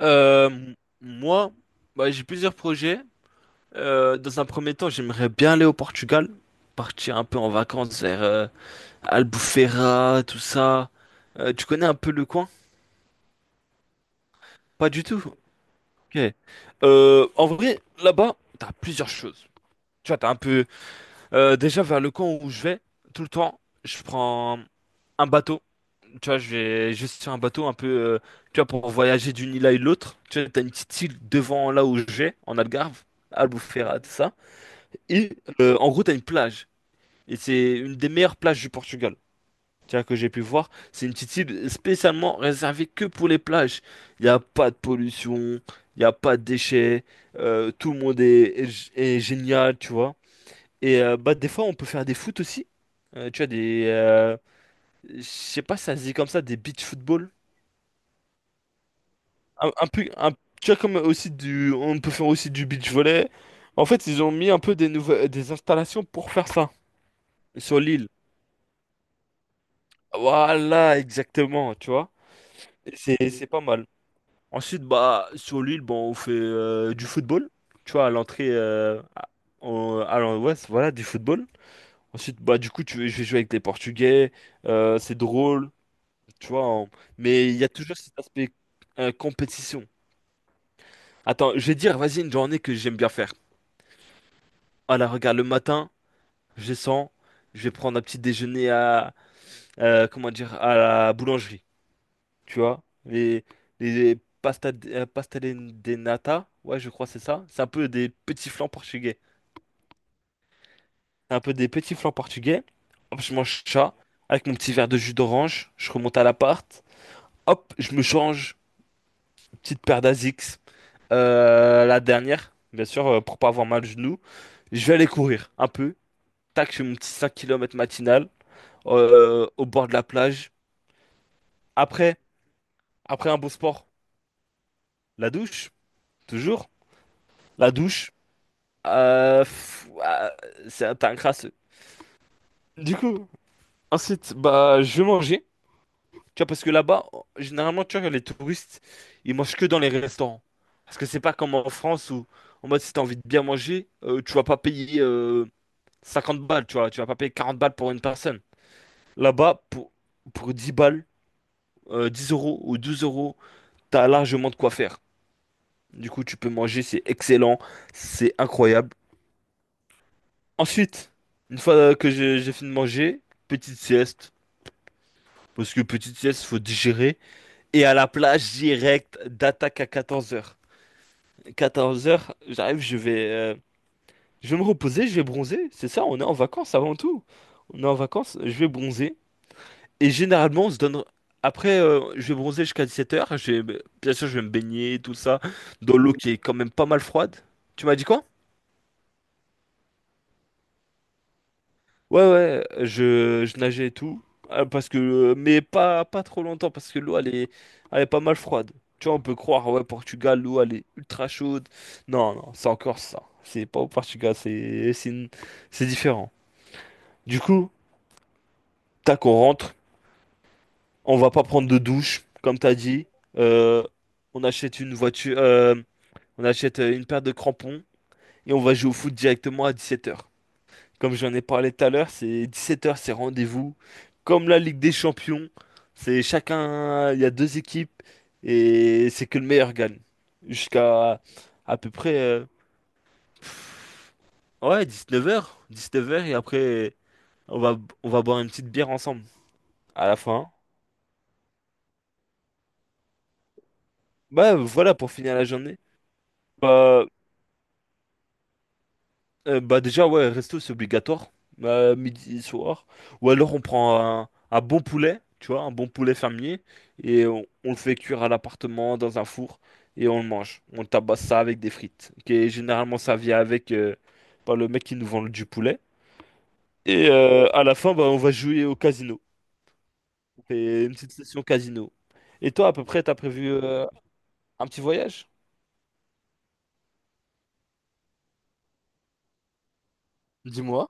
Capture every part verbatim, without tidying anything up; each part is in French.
Euh, m- moi, bah, j'ai plusieurs projets. Euh, dans un premier temps, j'aimerais bien aller au Portugal, partir un peu en vacances vers euh, Albufeira, tout ça. Euh, tu connais un peu le coin? Pas du tout. Ok. Euh, en vrai, là-bas, t'as plusieurs choses. Tu vois, t'as un peu. Euh, déjà vers le coin où je vais, tout le temps, je prends un bateau. Tu vois, je vais juste sur un bateau un peu, euh, tu vois, pour voyager d'une île à une autre. Tu vois, t'as une petite île devant là où je vais, en Algarve, Albufeira, tout ça. Et euh, en gros, t'as une plage. Et c'est une des meilleures plages du Portugal. Tu vois, que j'ai pu voir. C'est une petite île spécialement réservée que pour les plages. Il n'y a pas de pollution, il n'y a pas de déchets. Euh, tout le monde est, est g- est génial, tu vois. Et euh, bah, des fois, on peut faire des foot aussi. Euh, tu vois, des. Euh, je sais pas, ça se dit comme ça, des beach football. un, un peu un- Tu vois comme aussi du on peut faire aussi du beach volley. En fait ils ont mis un peu des nouvelles des installations pour faire ça sur l'île. Voilà, exactement, tu vois, c'est c'est pas mal. Ensuite, bah sur l'île, bon, on fait euh, du football. Tu vois à l'entrée euh, à, en- à l'en- ouais, c'est- voilà, du football. Ensuite bah du coup tu je vais jouer avec les Portugais. Euh, c'est drôle, tu vois on- mais il y a toujours cet aspect euh, compétition. Attends, je vais dire, vas-y, une journée que j'aime bien faire. Voilà, regarde, le matin je descends, je vais prendre un petit déjeuner à, euh, comment dire, à la boulangerie, tu vois. Les, les pasta, euh, pasta de de nata, ouais, je crois que c'est ça. C'est un peu des petits flancs portugais. C'est un peu des petits flancs portugais. Hop, je mange ça avec mon petit verre de jus d'orange, je remonte à l'appart. Hop, je me change, petite paire d'Asics. Euh, la dernière, bien sûr, euh, pour pas avoir mal au genou. Je vais aller courir un peu. Tac, je fais mon petit cinq kilomètres matinal euh, au bord de la plage. Après, Après un beau sport, la douche, toujours. La douche, euh, pff, ah, c'est un t'as un crasseux. Du coup, ensuite, bah, je vais manger. Tu vois, parce que là-bas, généralement, tu vois, les touristes, ils mangent que dans les restaurants. Parce que c'est pas comme en France où, en mode, si t'as envie de bien manger, euh, tu vas pas payer euh, cinquante balles, tu vois. Tu vas pas payer quarante balles pour une personne. Là-bas, pour, pour dix balles, euh, dix euros ou douze euros, t'as largement de quoi faire. Du coup, tu peux manger, c'est excellent, c'est incroyable. Ensuite, une fois que je- j'ai fini de manger, petite sieste. Parce que petite sieste, faut digérer. Et à la plage, direct, d'attaque à quatorze heures. quatorze heures j'arrive, je vais, euh, je vais me reposer, je vais bronzer. C'est ça, on est en vacances avant tout. On est en vacances, je vais bronzer. Et généralement, on se donne... Après, euh, je vais bronzer jusqu'à dix-sept heures. Je vais... Bien sûr, je vais me baigner, tout ça, dans l'eau qui est quand même pas mal froide. Tu m'as dit quoi? Ouais, ouais, je, je nageais et tout. euh, Parce que, mais pas, pas trop longtemps, parce que l'eau, elle est, elle est pas mal froide. Tu vois, on peut croire, ouais, Portugal, l'eau, elle est ultra chaude. Non, non, c'est encore ça. C'est pas au Portugal, c'est, c'est, une- c'est différent. Du coup, tac, on rentre. On va pas prendre de douche, comme t'as dit. euh, on achète une voiture, euh, on achète euh, une paire de crampons et on va jouer au foot directement à dix-sept heures. Comme j'en ai parlé tout à l'heure, c'est dix-sept heures, c'est rendez-vous. Comme la Ligue des Champions, c'est chacun, il y a deux équipes et c'est que le meilleur gagne. Jusqu'à à peu près euh, ouais, dix-neuf heures, dix-neuf heures, et après on va on va boire une petite bière ensemble à la fin. Bah voilà, pour finir la journée. Bah Euh, bah déjà, ouais, resto, c'est obligatoire, euh, midi, soir. Ou alors on prend un, un bon poulet, tu vois, un bon poulet fermier, et on, on le fait cuire à l'appartement dans un four, et on le mange. On tabasse ça avec des frites, qui est généralement servi avec euh, par le mec qui nous vend le- du poulet. Et euh, à la fin, bah, on va jouer au casino. On fait une petite session casino. Et toi, à peu près, t'as prévu euh, un petit voyage? Dis-moi.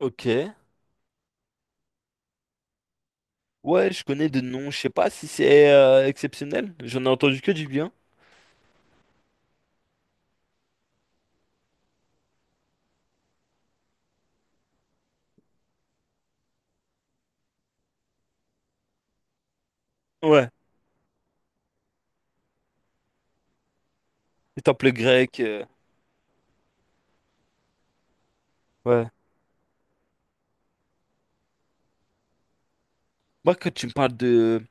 Ok. Ouais, je connais de nom, je sais pas si c'est euh, exceptionnel. J'en ai entendu que du bien. Ouais, les temples grecs, euh, ouais. Moi, quand tu me parles de...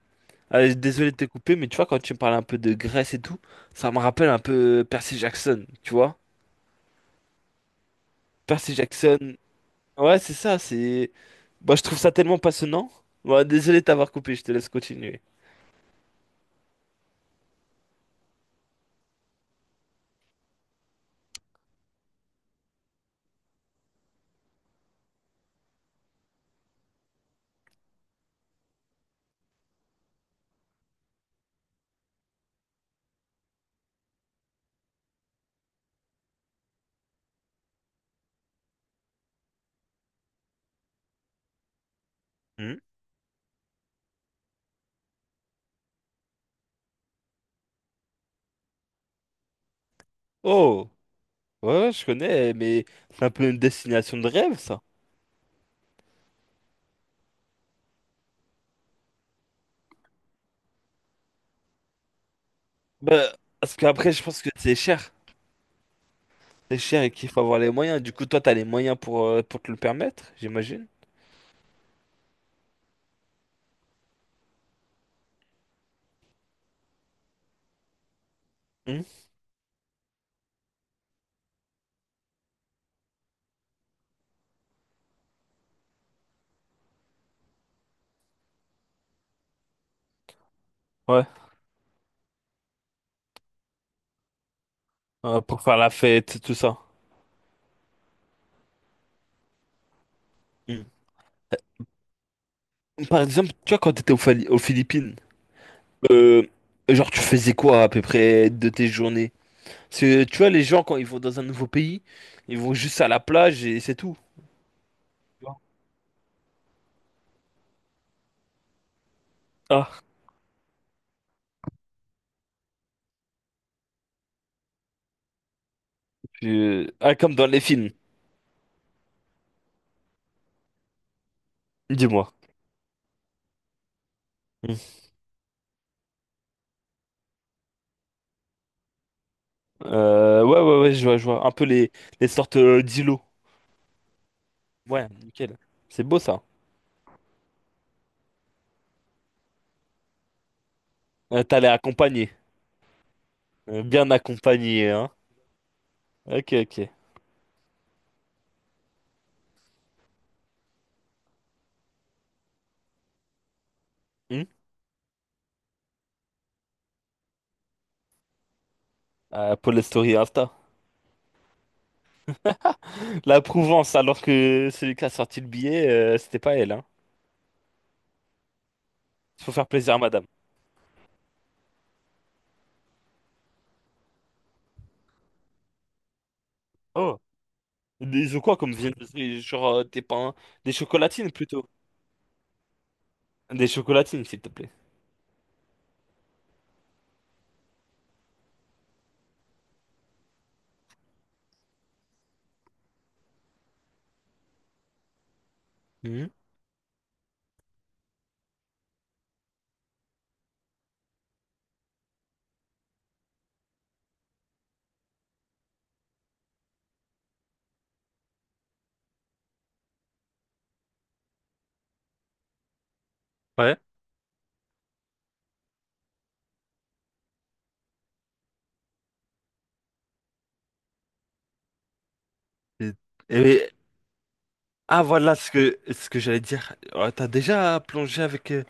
Allez, désolé de te couper, mais tu vois, quand tu me parles un peu de Grèce et tout, ça me rappelle un peu Percy Jackson, tu vois? Percy Jackson, ouais, c'est ça, c'est... Moi, je trouve ça tellement passionnant. Ouais, désolé de t'avoir coupé, je te laisse continuer. Hmm. Oh, ouais, ouais, je connais, mais c'est un peu une destination de rêve, ça. Bah, parce qu'après, je pense que c'est cher. C'est cher et qu'il faut avoir les moyens. Du coup, toi, t'as les moyens pour, euh, pour te le permettre, j'imagine. Hmm. Euh, pour faire la fête, tout ça. Mm. Par exemple, tu vois, quand t'étais aux, Fali- aux Philippines, euh, genre, tu faisais quoi à peu près de tes journées? Parce que, tu vois, les gens, quand ils vont dans un nouveau pays, ils vont juste à la plage et c'est tout. Tu vois. Ah, je- ah, Comme dans les films, dis-moi. Mm. Euh, ouais, ouais, ouais, je vois, je vois. Un peu les, les sortes euh, d'îlots. Ouais, nickel. C'est beau ça. Euh, t'allais accompagner. Euh, bien accompagné, hein. Ok, ok. Hmm. Euh, pour les stories Insta. La Prouvence, alors que celui qui a sorti le billet, euh, c'était pas elle, hein. Faut faire plaisir à madame. Oh. Des ou quoi comme viennoiserie, genre euh, des pains, des chocolatines plutôt. Des chocolatines, s'il te plaît. Mhm. Ouais. Et- et- ah voilà ce que ce que j'allais dire. Euh, T'as déjà plongé avec euh,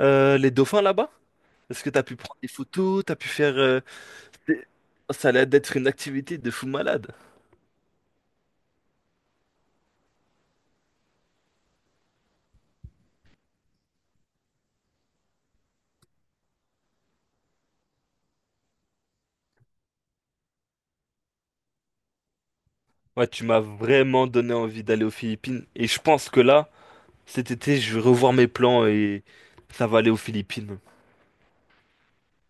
euh, les dauphins là-bas? Est-ce que t'as pu prendre des photos, t'as pu faire euh, des- oh, ça allait d'être une activité de fou malade. Ouais, tu m'as vraiment donné envie d'aller aux Philippines et je pense que là. Cet été, je vais revoir mes plans et ça va aller aux Philippines.